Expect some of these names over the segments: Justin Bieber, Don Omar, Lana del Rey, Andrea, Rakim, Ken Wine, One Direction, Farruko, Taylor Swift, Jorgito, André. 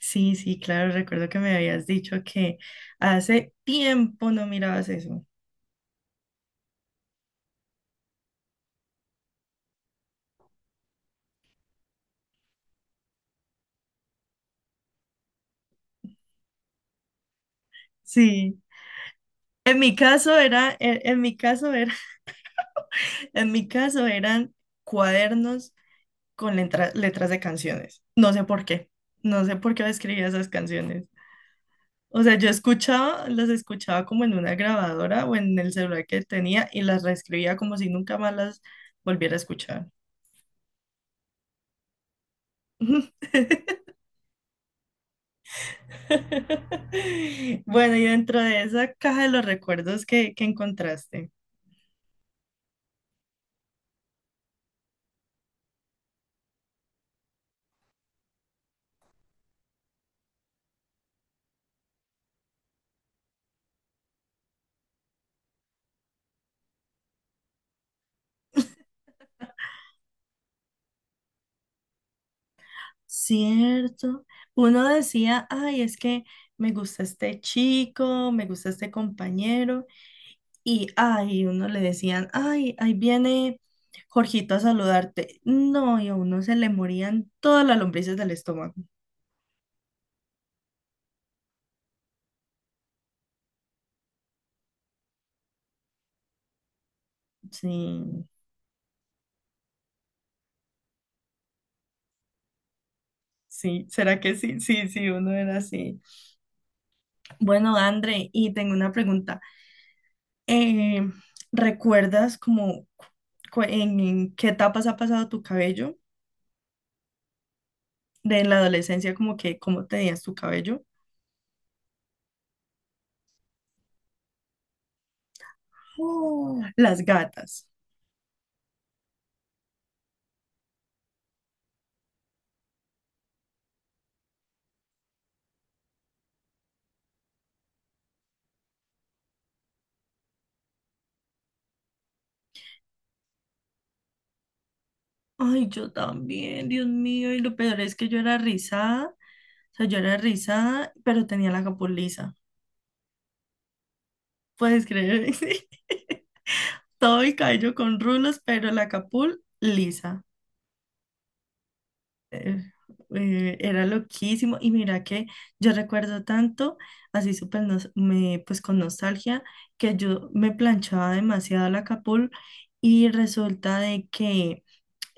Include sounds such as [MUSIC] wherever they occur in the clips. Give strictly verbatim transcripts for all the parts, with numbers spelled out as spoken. Sí, sí, claro, recuerdo que me habías dicho que hace tiempo no mirabas eso. Sí. En mi caso era, en, en mi caso era, [LAUGHS] en mi caso eran cuadernos con letra- letras de canciones. No sé por qué. No sé por qué escribía esas canciones. O sea, yo escuchaba, las escuchaba como en una grabadora o en el celular que tenía y las reescribía como si nunca más las volviera a escuchar. [LAUGHS] [LAUGHS] Bueno, y dentro de esa caja de los recuerdos que, que encontraste, cierto, uno decía, ay, es que me gusta este chico, me gusta este compañero, y ay, uno le decían, ay, ahí viene Jorgito a saludarte. No, y a uno se le morían todas las lombrices del estómago. Sí, sí, ¿será que sí? Sí, sí, uno era así. Bueno, André, y tengo una pregunta. eh, ¿Recuerdas como cu- en, en qué etapas ha pasado tu cabello? De la adolescencia, como que cómo tenías tu cabello. Oh, Las gatas. Ay, yo también, Dios mío. Y lo peor es que yo era rizada. O sea, yo era rizada, pero tenía la capul lisa. ¿Puedes creer? [LAUGHS] Sí. Todo el cabello con rulos, pero la capul lisa. eh, eh, Era loquísimo y mira que yo recuerdo tanto, así súper nos- me, pues con nostalgia, que yo me planchaba demasiado la capul y resulta de que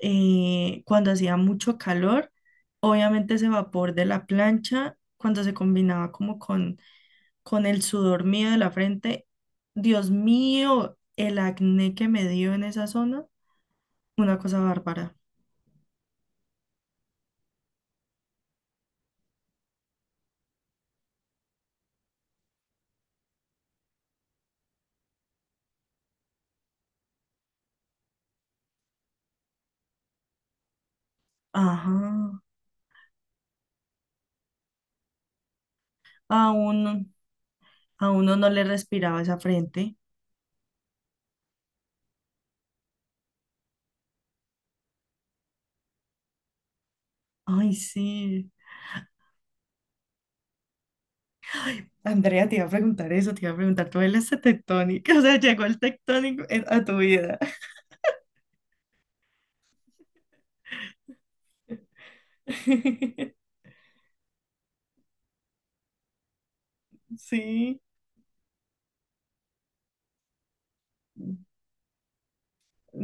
eh, cuando hacía mucho calor, obviamente ese vapor de la plancha, cuando se combinaba como con, con el sudor mío de la frente, Dios mío, el acné que me dio en esa zona, una cosa bárbara. Ajá. Aún. A uno no le respiraba esa frente. Ay, sí. Ay, Andrea, te iba a preguntar eso, te iba a preguntar, ¿tú eres tectónica? [LAUGHS] O sea, llegó el tectónico en- a tu vida. [LAUGHS] Sí,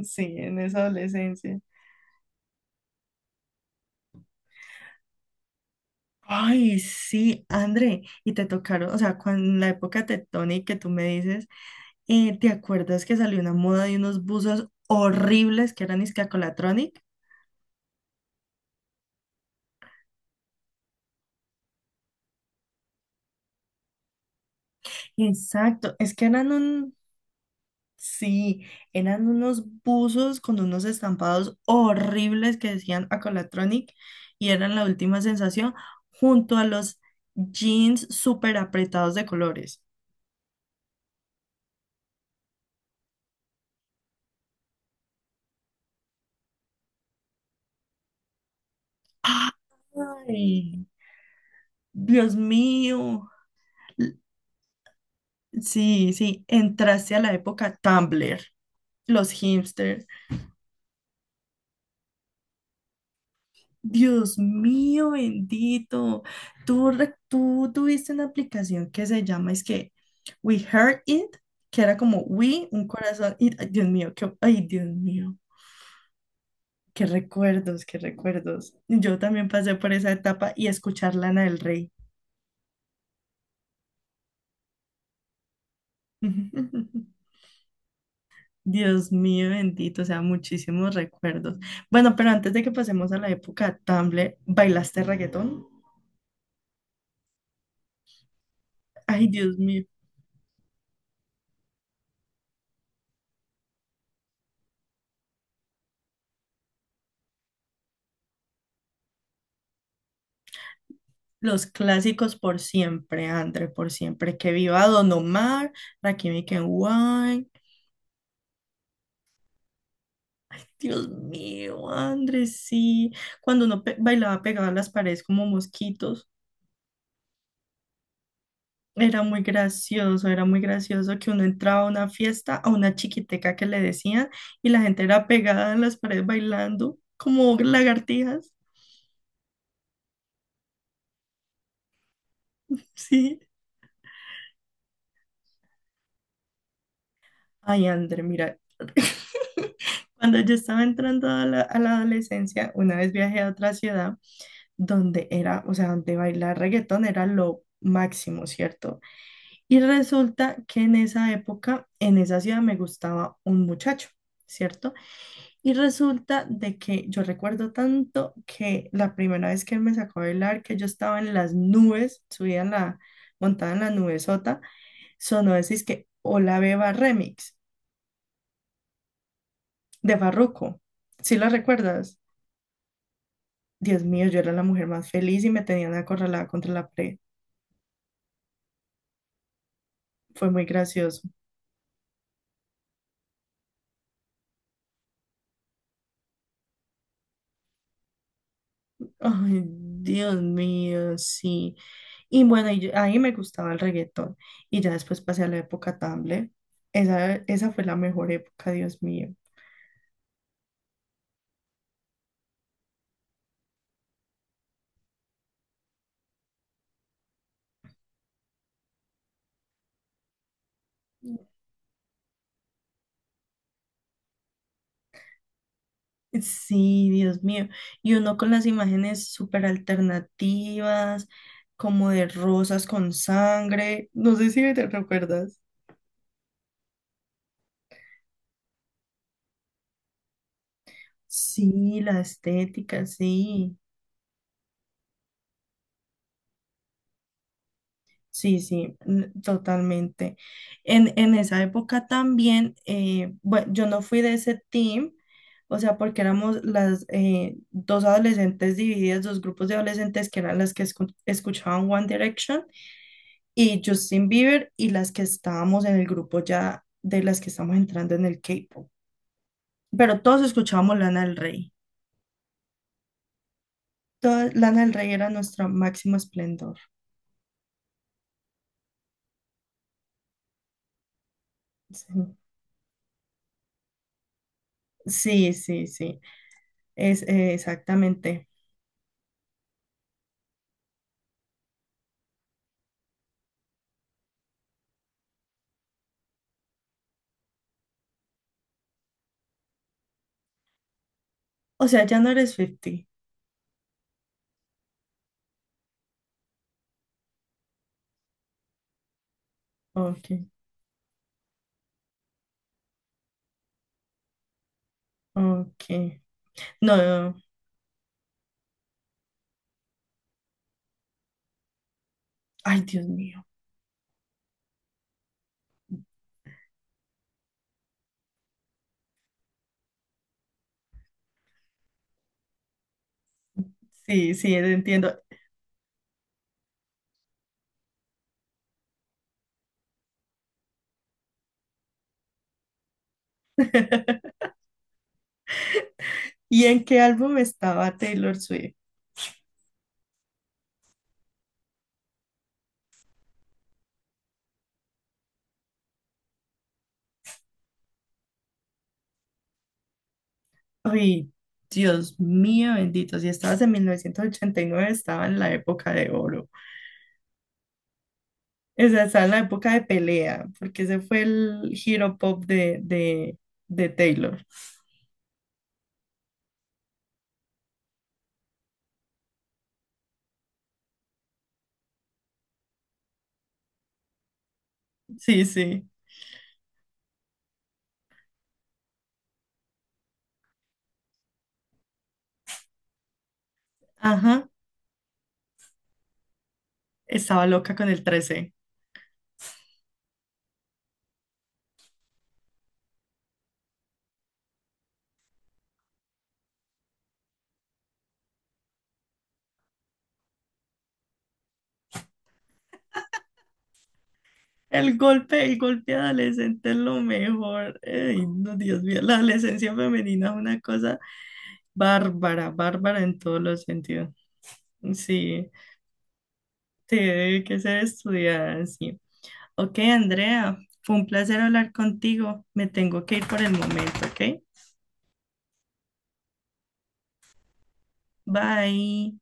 sí, en esa adolescencia. Ay, sí, André, y te tocaron, o sea, cuando, en la época tectónica que tú me dices, eh, ¿te acuerdas que salió una moda de unos buzos horribles que eran iscacolatronic? Exacto, es que eran un, sí, eran unos buzos con unos estampados horribles que decían Acolatronic y eran la última sensación junto a los jeans súper apretados de colores. ¡Ay! Dios mío. L- sí, sí, entraste a la época Tumblr, los hipsters. Dios mío bendito, tú, re- tú tuviste una aplicación que se llama, es que We Heard It, que era como We, un corazón, y, ay, Dios mío, qué, ay, Dios mío, qué recuerdos, qué recuerdos. Yo también pasé por esa etapa y escuchar Lana del Rey. [LAUGHS] Dios mío bendito, o sea, muchísimos recuerdos. Bueno, pero antes de que pasemos a la época Tumblr, ¿bailaste reggaetón? Ay, Dios mío. Los clásicos por siempre, André, por siempre. Que viva Don Omar, Rakim y Ken Wine. Dios mío, André, sí. Cuando uno pe- bailaba pegado a las paredes como mosquitos, era muy gracioso, era muy gracioso que uno entraba a una fiesta, a una chiquiteca que le decían, y la gente era pegada en las paredes bailando como lagartijas. Sí. Ay, André, mira. [LAUGHS] Cuando yo estaba entrando a la, a la adolescencia, una vez viajé a otra ciudad. Donde era, o sea, donde bailar reggaetón era lo máximo, ¿cierto? Y resulta que en esa época, en esa ciudad me gustaba un muchacho, ¿cierto? Y resulta de que yo recuerdo tanto que la primera vez que él me sacó a bailar, que yo estaba en las nubes, subía en la, montada en la nube sota, sonó decís que Hola Beba Remix de Farruko. ¿Sí lo recuerdas? Dios mío, yo era la mujer más feliz y me tenían acorralada contra la pared. Fue muy gracioso. Ay, Dios mío, sí. Y bueno, y yo- ahí me gustaba el reggaetón. Y ya después pasé a la época Tumblr. Esa, esa fue la mejor época, Dios mío. Sí, Dios mío. Y uno con las imágenes súper alternativas, como de rosas con sangre. No sé si te recuerdas. Sí, la estética, sí. Sí, sí, n- totalmente. En, en esa época también, eh, bueno, yo no fui de ese team, o sea, porque éramos las eh, dos adolescentes divididas, dos grupos de adolescentes que eran las que escu- escuchaban One Direction y Justin Bieber y las que estábamos en el grupo ya de las que estamos entrando en el K-pop. Pero todos escuchábamos Lana del Rey. Toda- Lana del Rey era nuestra máximo esplendor. Sí, sí, sí, sí. Es, eh, exactamente. O sea, ya no eres cincuenta. Ok, ok. No, no, no. Ay, Dios mío. Sí, sí, entiendo. ¿Y en qué álbum estaba Taylor Swift? Ay, Dios mío, bendito. Si estabas en mil novecientos ochenta y nueve, estaba en la época de oro. O sea, estaba en la época de pelea, porque ese fue el giro pop de, de, de Taylor. Sí, sí. Ajá. Estaba loca con el trece. El golpe, el golpe adolescente es lo mejor. Ay no, Dios mío, la adolescencia femenina es una cosa bárbara, bárbara en todos los sentidos. Sí, tiene que ser estudiada, sí. Ok, Andrea, fue un placer hablar contigo. Me tengo que ir por el momento, ¿ok? Bye.